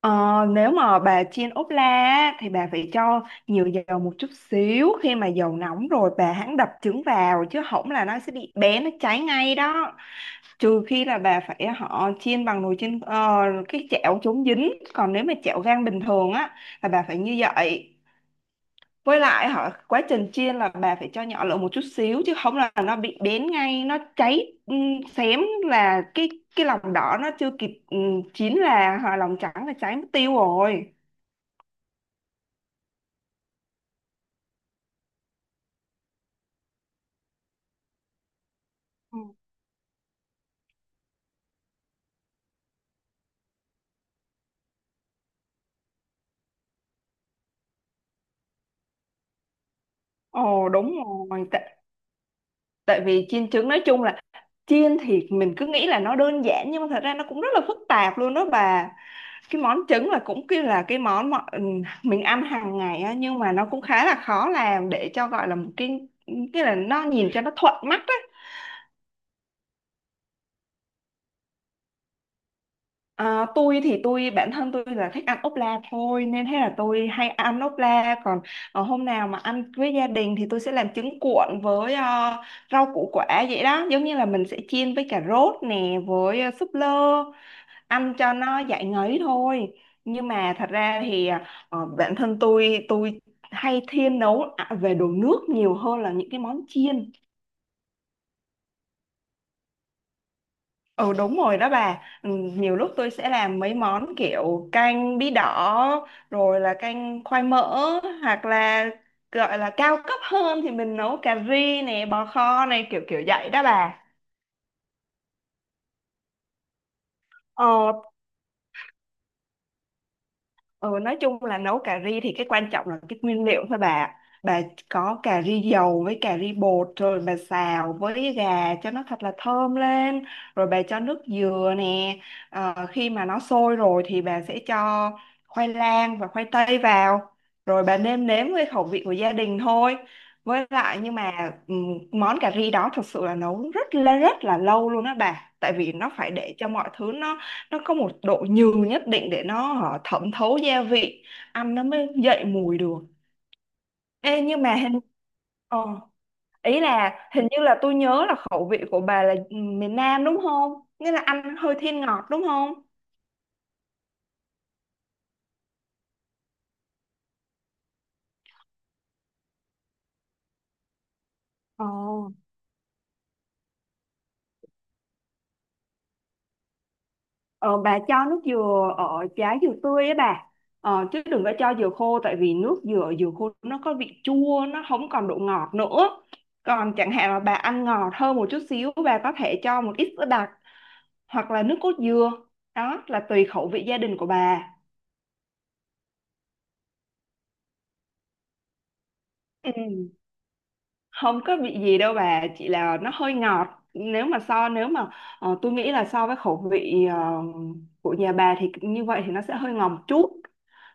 Ờ, nếu mà bà chiên ốp la á, thì bà phải cho nhiều dầu một chút xíu. Khi mà dầu nóng rồi bà hãng đập trứng vào, chứ không là nó sẽ bị nó cháy ngay đó. Trừ khi là bà phải chiên bằng nồi chiên cái chảo chống dính, còn nếu mà chảo gang bình thường á là bà phải như vậy. Với lại quá trình chiên là bà phải cho nhỏ lửa một chút xíu, chứ không là nó bị bén ngay, nó cháy, xém là cái lòng đỏ nó chưa kịp chín, là hoặc lòng trắng là cháy mất tiêu rồi. Ừ. Ồ đúng rồi, tại vì chiên trứng nói chung là chiên thì mình cứ nghĩ là nó đơn giản, nhưng mà thật ra nó cũng rất là phức tạp luôn đó bà. Cái món trứng là cũng kia là cái món mà mình ăn hàng ngày á, nhưng mà nó cũng khá là khó làm để cho gọi là một cái là nó nhìn cho nó thuận mắt á. À, tôi thì bản thân tôi là thích ăn ốp la thôi, nên thế là tôi hay ăn ốp la. Còn hôm nào mà ăn với gia đình thì tôi sẽ làm trứng cuộn với rau củ quả vậy đó, giống như là mình sẽ chiên với cà rốt nè, với súp lơ, ăn cho nó giải ngấy thôi. Nhưng mà thật ra thì bản thân tôi, hay thiên nấu về đồ nước nhiều hơn là những cái món chiên. Ừ đúng rồi đó bà. Ừ, Nhiều lúc tôi sẽ làm mấy món kiểu canh bí đỏ, rồi là canh khoai mỡ. Hoặc là gọi là cao cấp hơn thì mình nấu cà ri này, bò kho này, kiểu kiểu vậy đó bà. Ờ. Ừ, nói chung là nấu cà ri thì cái quan trọng là cái nguyên liệu thôi bà. Bà có cà ri dầu với cà ri bột, rồi bà xào với gà cho nó thật là thơm lên, rồi bà cho nước dừa nè. Ờ, khi mà nó sôi rồi thì bà sẽ cho khoai lang và khoai tây vào, rồi bà nêm nếm với khẩu vị của gia đình thôi. Với lại nhưng mà món cà ri đó thật sự là nấu rất là lâu luôn đó bà, tại vì nó phải để cho mọi thứ nó có một độ nhừ nhất định để nó, hả, thẩm thấu gia vị, ăn nó mới dậy mùi được. Ê, nhưng mà ờ, ý là hình như là tôi nhớ là khẩu vị của bà là miền Nam đúng không, nghĩa là ăn hơi thiên ngọt đúng không. ờ, ờ bà cho nước dừa ở trái dừa tươi ấy bà. Ờ, chứ đừng có cho dừa khô, tại vì nước dừa dừa khô nó có vị chua, nó không còn độ ngọt nữa. Còn chẳng hạn là bà ăn ngọt hơn một chút xíu, bà có thể cho một ít sữa đặc hoặc là nước cốt dừa, đó là tùy khẩu vị gia đình của bà. Ừ. Không có bị gì đâu bà, chỉ là nó hơi ngọt. Nếu mà tôi nghĩ là so với khẩu vị của nhà bà thì như vậy thì nó sẽ hơi ngọt một chút.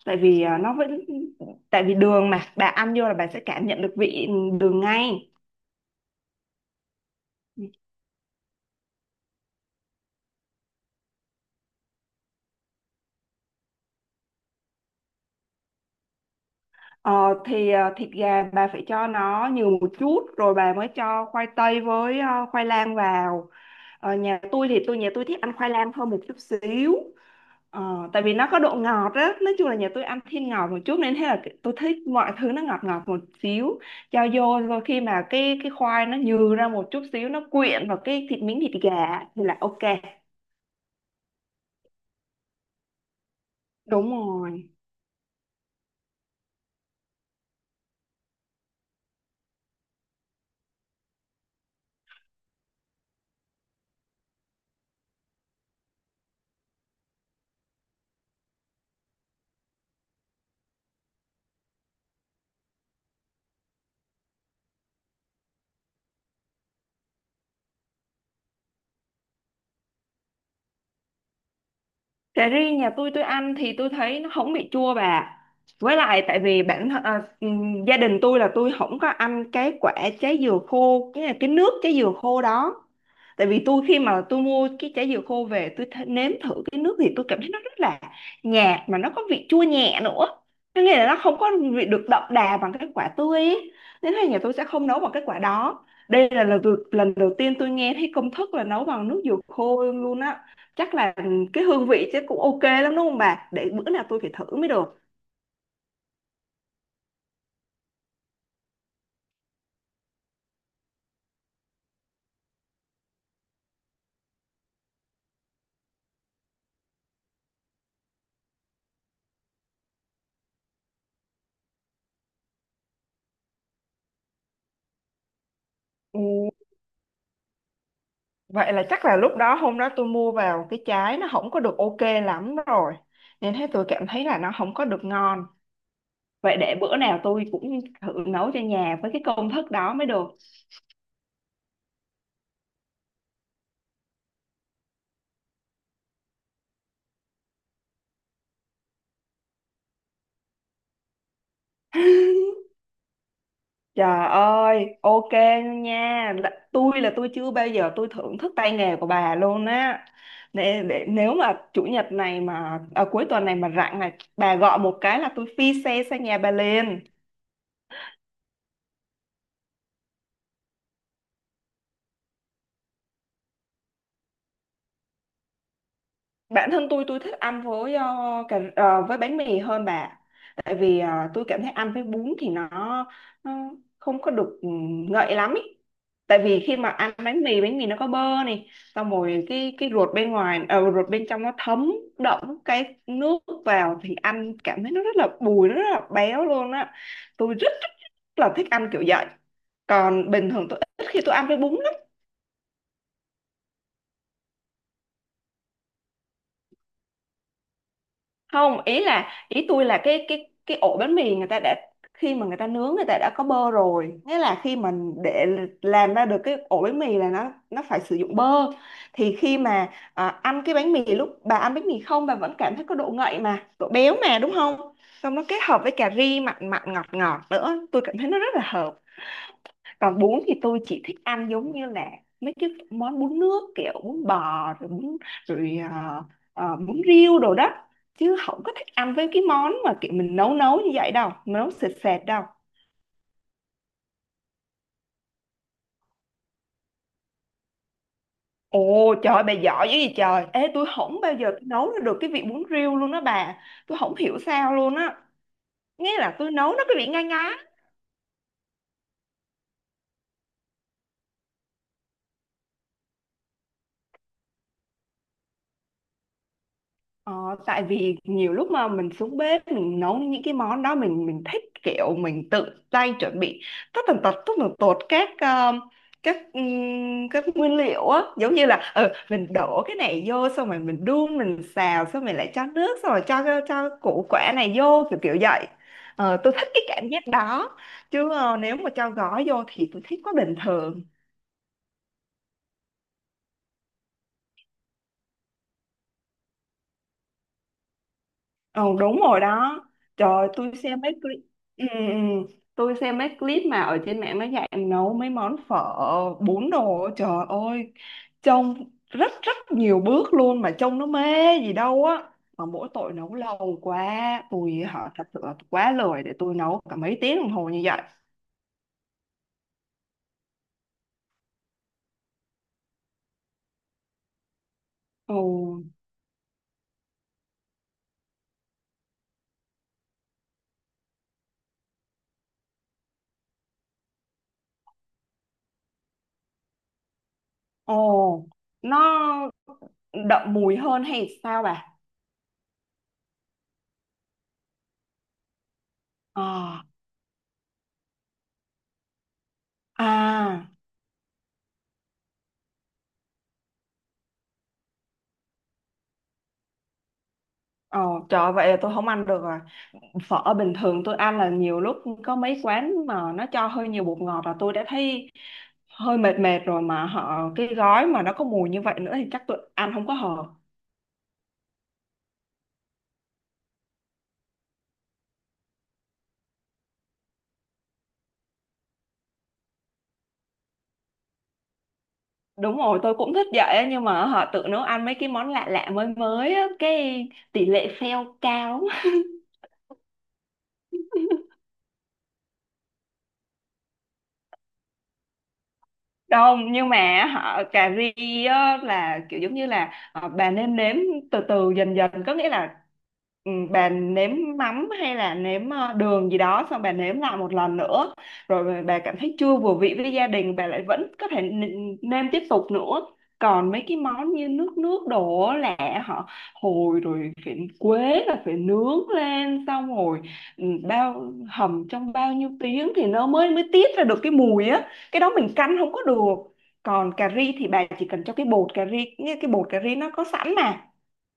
Tại vì à, nó vẫn Tại vì đường mà bà ăn vô là bà sẽ cảm nhận được vị đường ngay. Ờ, thì thịt gà bà phải cho nó nhiều một chút, rồi bà mới cho khoai tây với khoai lang vào. Ờ, nhà tôi thích ăn khoai lang hơn một chút xíu. Ờ, tại vì nó có độ ngọt á, nói chung là nhà tôi ăn thiên ngọt một chút, nên thế là tôi thích mọi thứ nó ngọt ngọt một xíu. Cho vô, rồi khi mà cái khoai nó nhừ ra một chút xíu, nó quyện vào cái thịt miếng thịt gà thì là ok. Đúng rồi. Cà ri nhà tôi ăn thì tôi thấy nó không bị chua bà. Với lại tại vì gia đình tôi là tôi không có ăn cái quả trái dừa khô, cái nước trái dừa khô đó. Tại vì khi mà tôi mua cái trái dừa khô về tôi nếm thử cái nước, thì tôi cảm thấy nó rất là nhạt, mà nó có vị chua nhẹ nữa. Có nghĩa là nó không có vị được đậm đà bằng cái quả tươi ấy. Nên là nhà tôi sẽ không nấu bằng cái quả đó. Lần đầu tiên tôi nghe thấy công thức là nấu bằng nước dừa khô luôn á. Chắc là cái hương vị chứ cũng ok lắm đúng không bà, để bữa nào tôi phải thử mới được. Ừ, vậy là chắc là lúc đó hôm đó tôi mua vào cái trái nó không có được ok lắm rồi, nên thế tôi cảm thấy là nó không có được ngon. Vậy để bữa nào tôi cũng thử nấu cho nhà với cái công thức đó mới được. Trời ơi, ok nha. Tôi là tôi chưa bao giờ tôi thưởng thức tay nghề của bà luôn á. Để nếu mà chủ nhật này mà à, cuối tuần này mà rảnh này, bà gọi một cái là tôi phi xe sang nhà bà liền. Bản thân tôi, thích ăn với với bánh mì hơn bà. Tại vì tôi cảm thấy ăn với bún thì nó không có được ngậy lắm ý. Tại vì khi mà ăn bánh mì, bánh mì nó có bơ này, xong rồi cái ruột ruột bên trong nó thấm đẫm cái nước vào, thì ăn cảm thấy nó rất là bùi, nó rất là béo luôn á. Tôi rất là thích ăn kiểu vậy. Còn bình thường tôi ít khi tôi ăn với bún lắm. Không, ý tôi là cái ổ bánh mì người ta đã, khi mà người ta nướng, người ta đã có bơ rồi. Nghĩa là khi mà để làm ra được cái ổ bánh mì là nó phải sử dụng bơ, thì khi mà ăn cái bánh mì, lúc bà ăn bánh mì không bà vẫn cảm thấy có độ ngậy mà độ béo mà đúng không. Xong nó kết hợp với cà ri mặn mặn ngọt ngọt nữa, tôi cảm thấy nó rất là hợp. Còn bún thì tôi chỉ thích ăn giống như là mấy cái món bún nước, kiểu bún bò, rồi bún rồi ờ, ờ, bún riêu đồ đó, chứ không có thích ăn với cái món mà kiểu mình nấu nấu như vậy đâu, nấu sệt sệt đâu. Ồ trời ơi, bà giỏi dữ gì trời. Ê tôi không bao giờ tôi nấu ra được cái vị bún riêu luôn đó bà, tôi không hiểu sao luôn á. Nghĩa là tôi nấu nó cái vị ngai ngái. Ờ, tại vì nhiều lúc mà mình xuống bếp mình nấu những cái món đó, mình thích kiểu mình tự tay chuẩn bị tất tần tật, tất tần tột các các nguyên liệu á. Giống như là mình đổ cái này vô, xong rồi mình đun, mình xào xong mình lại cho nước, xong rồi cho củ quả này vô, kiểu kiểu vậy. Ờ, tôi thích cái cảm giác đó, chứ nếu mà cho gói vô thì tôi thích quá bình thường. Ừ, đúng rồi đó. Trời, tôi xem mấy clip. ừ, ừ. ừ. Tôi xem mấy clip mà ở trên mạng nó dạy nấu mấy món phở, bún đồ, trời ơi, trông rất rất nhiều bước luôn, mà trông nó mê gì đâu á. Mà mỗi tội nấu lâu quá, tôi thật sự là quá lười để tôi nấu cả mấy tiếng đồng hồ như vậy. Ồ. Ồ, nó đậm mùi hơn hay sao bà? Ờ. À. Ồ trời ơi, vậy là tôi không ăn được rồi. Phở bình thường tôi ăn là nhiều lúc có mấy quán mà nó cho hơi nhiều bột ngọt là tôi đã thấy hơi mệt mệt rồi, mà cái gói mà nó có mùi như vậy nữa thì chắc tôi ăn không có hợp. Đúng rồi, tôi cũng thích vậy á, nhưng mà tự nấu ăn mấy cái món lạ lạ mới mới á, cái tỷ lệ fail cao. Không, nhưng mà cà ri á, là kiểu giống như là bà nên nếm từ từ dần dần. Có nghĩa là bà nếm mắm hay là nếm đường gì đó, xong bà nếm lại một lần nữa, rồi bà cảm thấy chưa vừa vị với gia đình bà lại vẫn có thể nêm tiếp tục nữa. Còn mấy cái món như nước nước đổ là họ hồi rồi phải quế là phải nướng lên, xong rồi bao hầm trong bao nhiêu tiếng thì nó mới mới tiết ra được cái mùi á. Cái đó mình căn không có được. Còn cà ri thì bà chỉ cần cho cái bột cà ri, như cái bột cà ri nó có sẵn mà.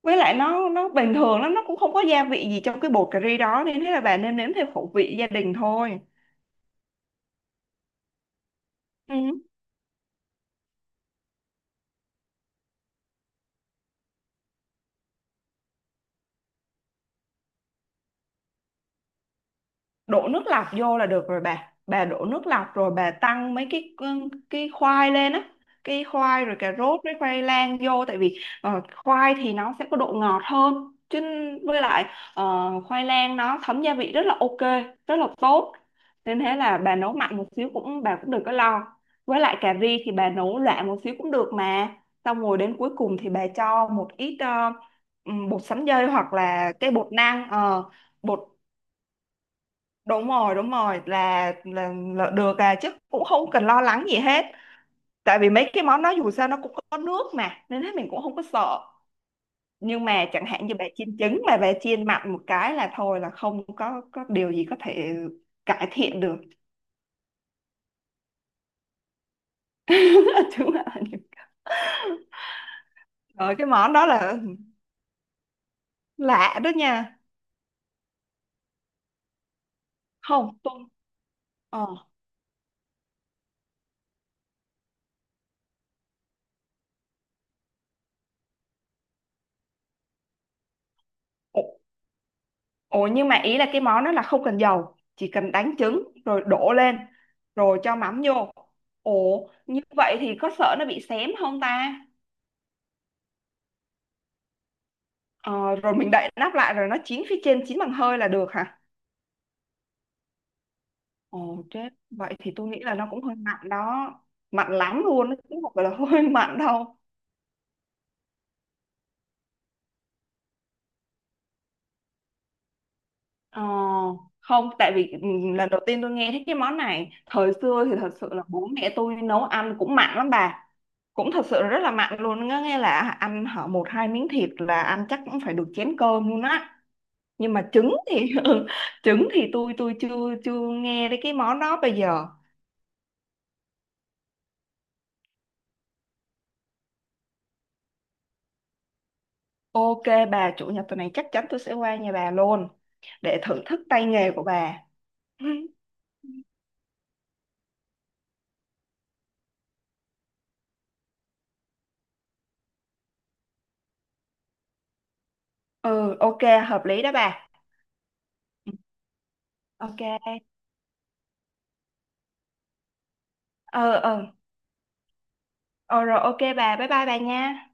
Với lại nó bình thường lắm, nó cũng không có gia vị gì trong cái bột cà ri đó, nên thế là bà nêm nếm theo khẩu vị gia đình thôi. Ừ. Đổ nước lọc vô là được rồi bà đổ nước lọc rồi bà tăng mấy cái khoai lên á, khoai rồi cà rốt với khoai lang vô. Tại vì khoai thì nó sẽ có độ ngọt hơn chứ. Với lại ờ, khoai lang nó thấm gia vị rất là ok, rất là tốt. Nên thế là bà nấu mặn một xíu cũng, bà cũng đừng có lo. Với lại cà ri thì bà nấu loãng một xíu cũng được mà. Xong rồi đến cuối cùng thì bà cho một ít bột sắn dây hoặc là cái bột năng, ờ, bột đúng rồi đúng rồi, là được à, chứ cũng không cần lo lắng gì hết. Tại vì mấy cái món đó dù sao nó cũng có nước mà, nên hết mình cũng không có sợ. Nhưng mà chẳng hạn như bà chiên trứng mà bà chiên mặn một cái là thôi, là không có có điều gì có thể cải thiện được. Chứ mà rồi cái món đó là lạ đó nha. Không tôi ờ Ồ nhưng mà ý là cái món đó là không cần dầu, chỉ cần đánh trứng rồi đổ lên rồi cho mắm vô. Ồ, như vậy thì có sợ nó bị xém không ta? Ờ, rồi mình đậy nắp lại rồi nó chín phía trên, chín bằng hơi là được hả? Ồ chết, vậy thì tôi nghĩ là nó cũng hơi mặn đó. Mặn lắm luôn, nó cũng không phải là hơi mặn đâu. Ờ, không tại vì lần đầu tiên tôi nghe thấy cái món này. Thời xưa thì thật sự là bố mẹ tôi nấu ăn cũng mặn lắm bà, cũng thật sự rất là mặn luôn á, nghe là ăn hở một hai miếng thịt là ăn chắc cũng phải được chén cơm luôn á. Nhưng mà trứng thì trứng thì tôi chưa chưa nghe đến cái món đó bây giờ. Ok bà, chủ nhật tuần này chắc chắn tôi sẽ qua nhà bà luôn để thưởng thức tay nghề của bà. Ừ ok, hợp lý đó bà. Ừ, ok. ờ ờ Ờ rồi, ok bà, bye bye bà nha.